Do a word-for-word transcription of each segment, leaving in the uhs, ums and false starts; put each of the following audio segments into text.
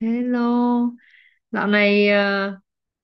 Hello, dạo này ờ,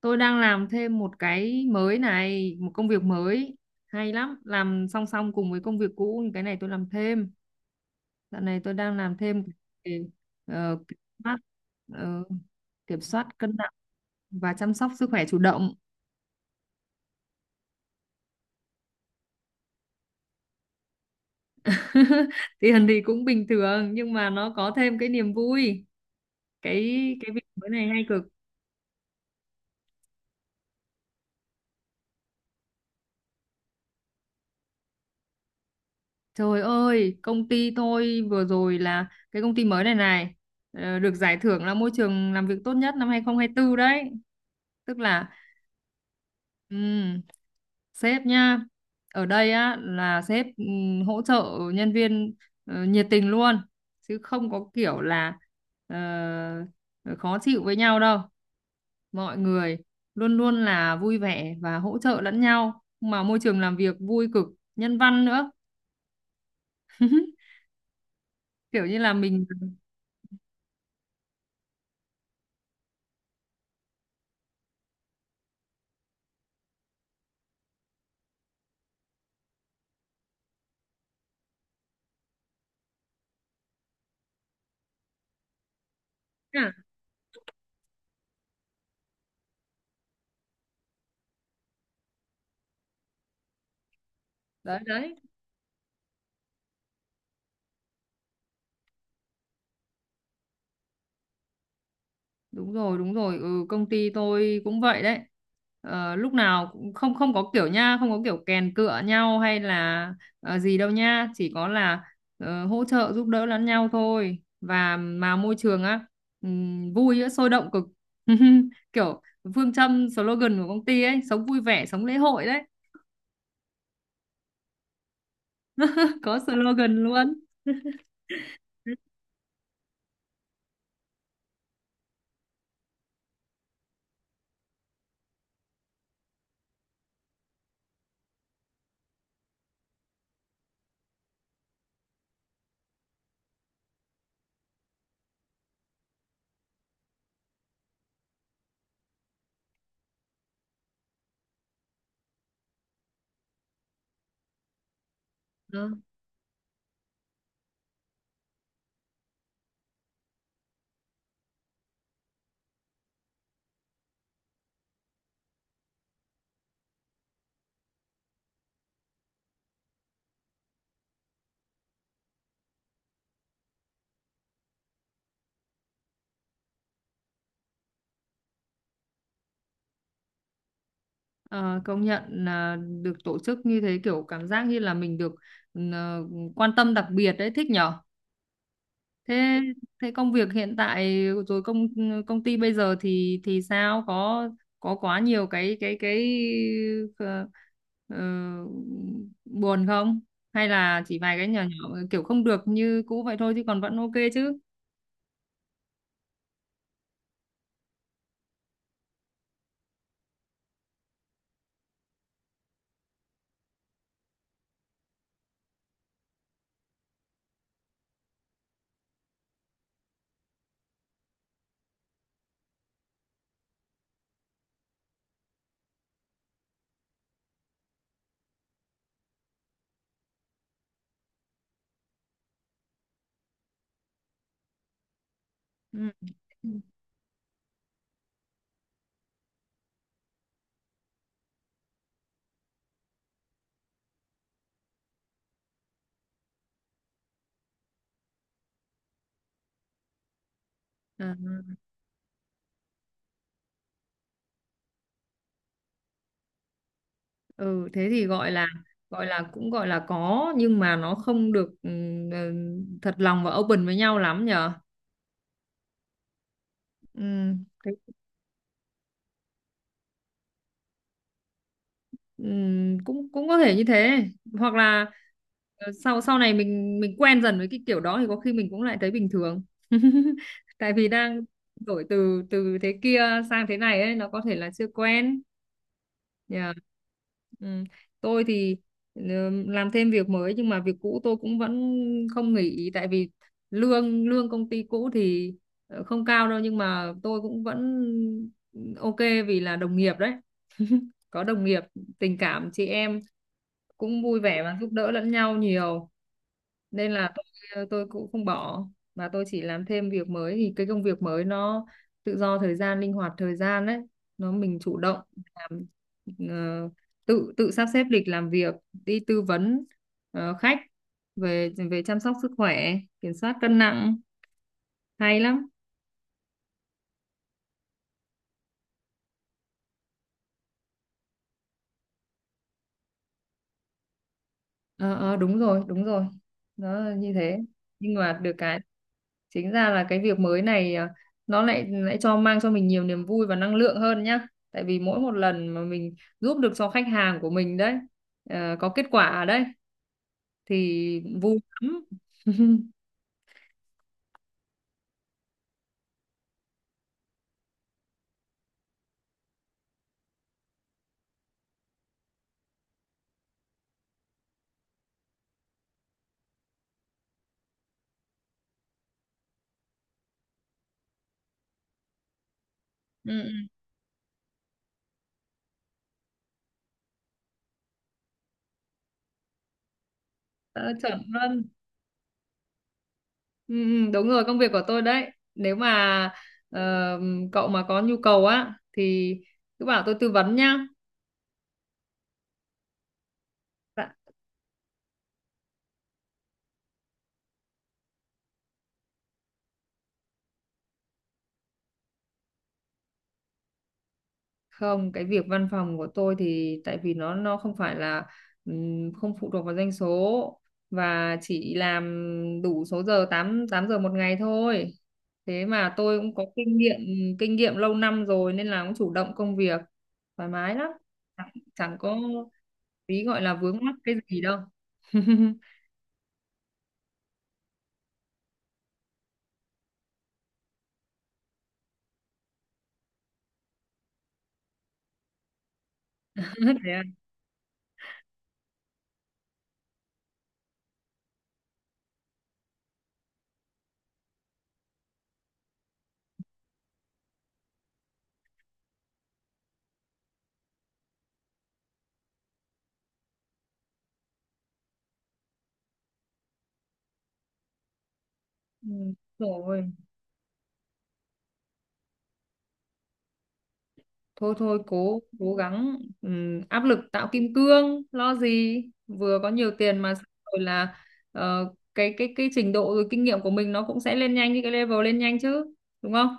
tôi đang làm thêm một cái mới này, một công việc mới hay lắm, làm song song cùng với công việc cũ, cái này tôi làm thêm. Dạo này tôi đang làm thêm về ờ, kiểm soát, ờ, kiểm soát cân nặng và chăm sóc sức khỏe chủ động. Tiền thì cũng bình thường nhưng mà nó có thêm cái niềm vui. Cái cái việc mới này hay cực. Trời ơi, công ty tôi vừa rồi là cái công ty mới này này ờ, được giải thưởng là môi trường làm việc tốt nhất năm hai không hai tư đấy. Tức là ừm, sếp nhá. Ở đây á là sếp ừm, hỗ trợ nhân viên ờ, nhiệt tình luôn, chứ không có kiểu là ờ, khó chịu với nhau đâu. Mọi người luôn luôn là vui vẻ và hỗ trợ lẫn nhau, mà môi trường làm việc vui cực, nhân văn nữa, kiểu như là mình. À, đấy đấy, đúng rồi đúng rồi, ừ, công ty tôi cũng vậy đấy. Ờ, lúc nào cũng không không có kiểu nha, không có kiểu kèn cựa nhau hay là ờ, gì đâu nha, chỉ có là ờ, hỗ trợ giúp đỡ lẫn nhau thôi, và mà môi trường á, ừm, vui á, sôi động cực. Kiểu phương châm slogan của công ty ấy, sống vui vẻ sống lễ hội đấy. Có slogan luôn. Ờ. Ờ, công nhận là được tổ chức như thế kiểu cảm giác như là mình được, ừ, ờ, quan tâm đặc biệt đấy, thích nhở. Thế thế công việc hiện tại rồi công, ừ, công ty bây giờ thì thì sao, có có quá nhiều cái cái cái ờ, ờ, buồn không, hay là chỉ vài cái nhỏ nhỏ kiểu không được như cũ vậy thôi chứ còn vẫn ok chứ? Ừ. Ừ thế thì gọi là, gọi là cũng gọi là có nhưng mà nó không được ừ, ừ, thật lòng và open với nhau lắm nhở. Ừ. Ừm, cũng cũng có thể như thế, hoặc là ờ, sau sau này mình mình quen dần với cái kiểu đó thì có khi mình cũng lại thấy bình thường. Tại vì đang đổi từ từ thế kia sang thế này ấy, nó có thể là chưa quen. Nhờ. Ừm, Tôi thì ừm, làm thêm việc mới nhưng mà việc cũ tôi cũng vẫn không nghỉ, tại vì lương lương công ty cũ thì ờ, không cao đâu nhưng mà tôi cũng vẫn ok, vì là đồng nghiệp đấy. Có đồng nghiệp tình cảm chị em cũng vui vẻ và giúp đỡ lẫn nhau nhiều, nên là tôi, tôi cũng không bỏ. Và tôi chỉ làm thêm việc mới thì cái công việc mới nó tự do thời gian, linh hoạt thời gian đấy, nó mình chủ động làm, ờ, tự tự sắp xếp lịch làm việc đi tư vấn ờ, khách, về về chăm sóc sức khỏe, kiểm soát cân nặng, hay lắm. Ờ ờ, đúng rồi đúng rồi, nó là như thế, nhưng mà được cái chính ra là cái việc mới này à, nó lại lại cho mang cho mình nhiều niềm vui và năng lượng hơn nhá, tại vì mỗi một lần mà mình giúp được cho khách hàng của mình đấy, ờ, có kết quả đấy thì vui lắm. Ừ, ừ, ờ, chuẩn luôn. Ừ, ừ, đúng rồi, công việc của tôi đấy, nếu mà ờ, cậu mà có nhu cầu á thì cứ bảo tôi tư vấn nhá. Dạ. Không, cái việc văn phòng của tôi thì tại vì nó nó không phải là ừm, không phụ thuộc vào doanh số, và chỉ làm đủ số giờ tám tám giờ một ngày thôi. Thế mà tôi cũng có kinh nghiệm, kinh nghiệm lâu năm rồi nên là cũng chủ động công việc, thoải mái lắm. Chẳng, chẳng có tí gọi là vướng mắc cái gì đâu. Thế à? Ừ, rồi. Thôi thôi cố cố gắng, ừm, áp lực tạo kim cương lo gì, vừa có nhiều tiền mà xong rồi là ờ, cái cái cái trình độ rồi kinh nghiệm của mình nó cũng sẽ lên nhanh, như cái level lên nhanh chứ, đúng không?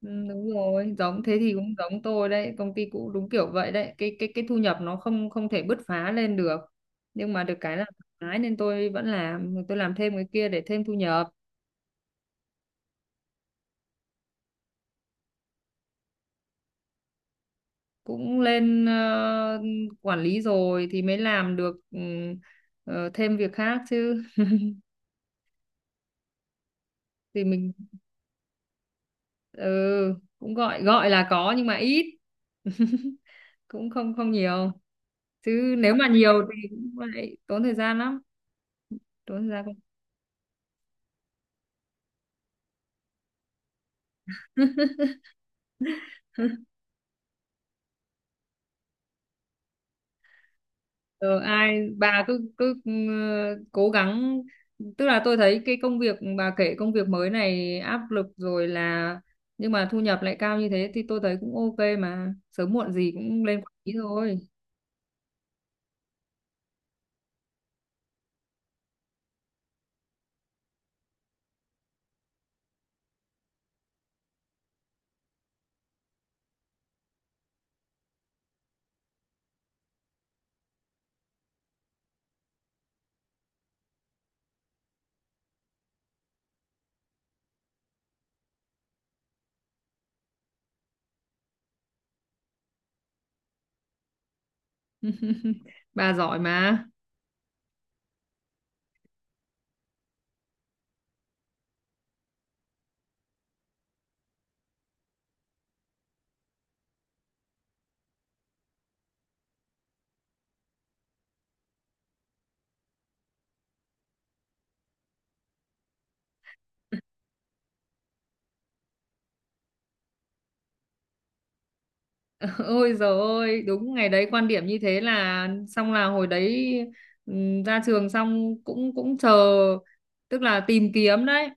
Ừ, đúng rồi giống thế, thì cũng giống tôi đấy, công ty cũ đúng kiểu vậy đấy, cái cái cái thu nhập nó không không thể bứt phá lên được, nhưng mà được cái là thoải mái nên tôi vẫn làm, tôi làm thêm cái kia để thêm thu nhập. Cũng lên ờ, quản lý rồi thì mới làm được, ừ, ờ, thêm việc khác chứ, thì mình ừ, cũng gọi gọi là có nhưng mà ít. Cũng không không nhiều, chứ nếu mà nhiều thì cũng lại tốn thời gian lắm, tốn thời gian không. Ờ, ai bà cứ cứ ừ, cố gắng, tức là tôi thấy cái công việc bà kể, công việc mới này áp lực rồi là, nhưng mà thu nhập lại cao như thế thì tôi thấy cũng ok mà, sớm muộn gì cũng lên quản lý thôi, bà giỏi mà. Ôi giời ơi, đúng ngày đấy quan điểm như thế là xong, là hồi đấy ừm, ra trường xong cũng cũng chờ, tức là tìm kiếm đấy.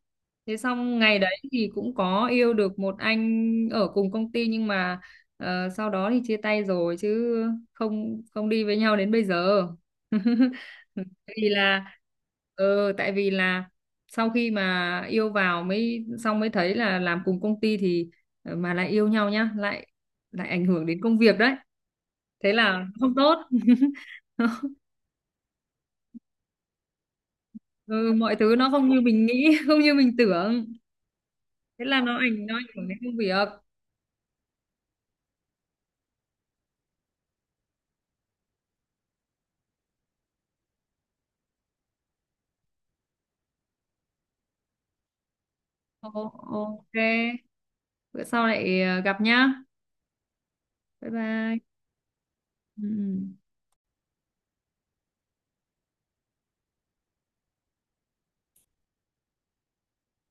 Thế xong ngày đấy thì cũng có yêu được một anh ở cùng công ty, nhưng mà ờ, sau đó thì chia tay rồi chứ không không đi với nhau đến bây giờ. Tại vì là ừ, tại vì là sau khi mà yêu vào mới, xong mới thấy là làm cùng công ty thì ờ, mà lại yêu nhau nhá, lại lại ảnh hưởng đến công việc đấy, thế là không tốt. Ừ, mọi thứ nó không như mình nghĩ, không như mình tưởng, thế là nó ảnh nó ảnh hưởng đến công việc. Ồ, ok, bữa sau lại ờ, gặp nhá, bye bye. Ừ. Ừ.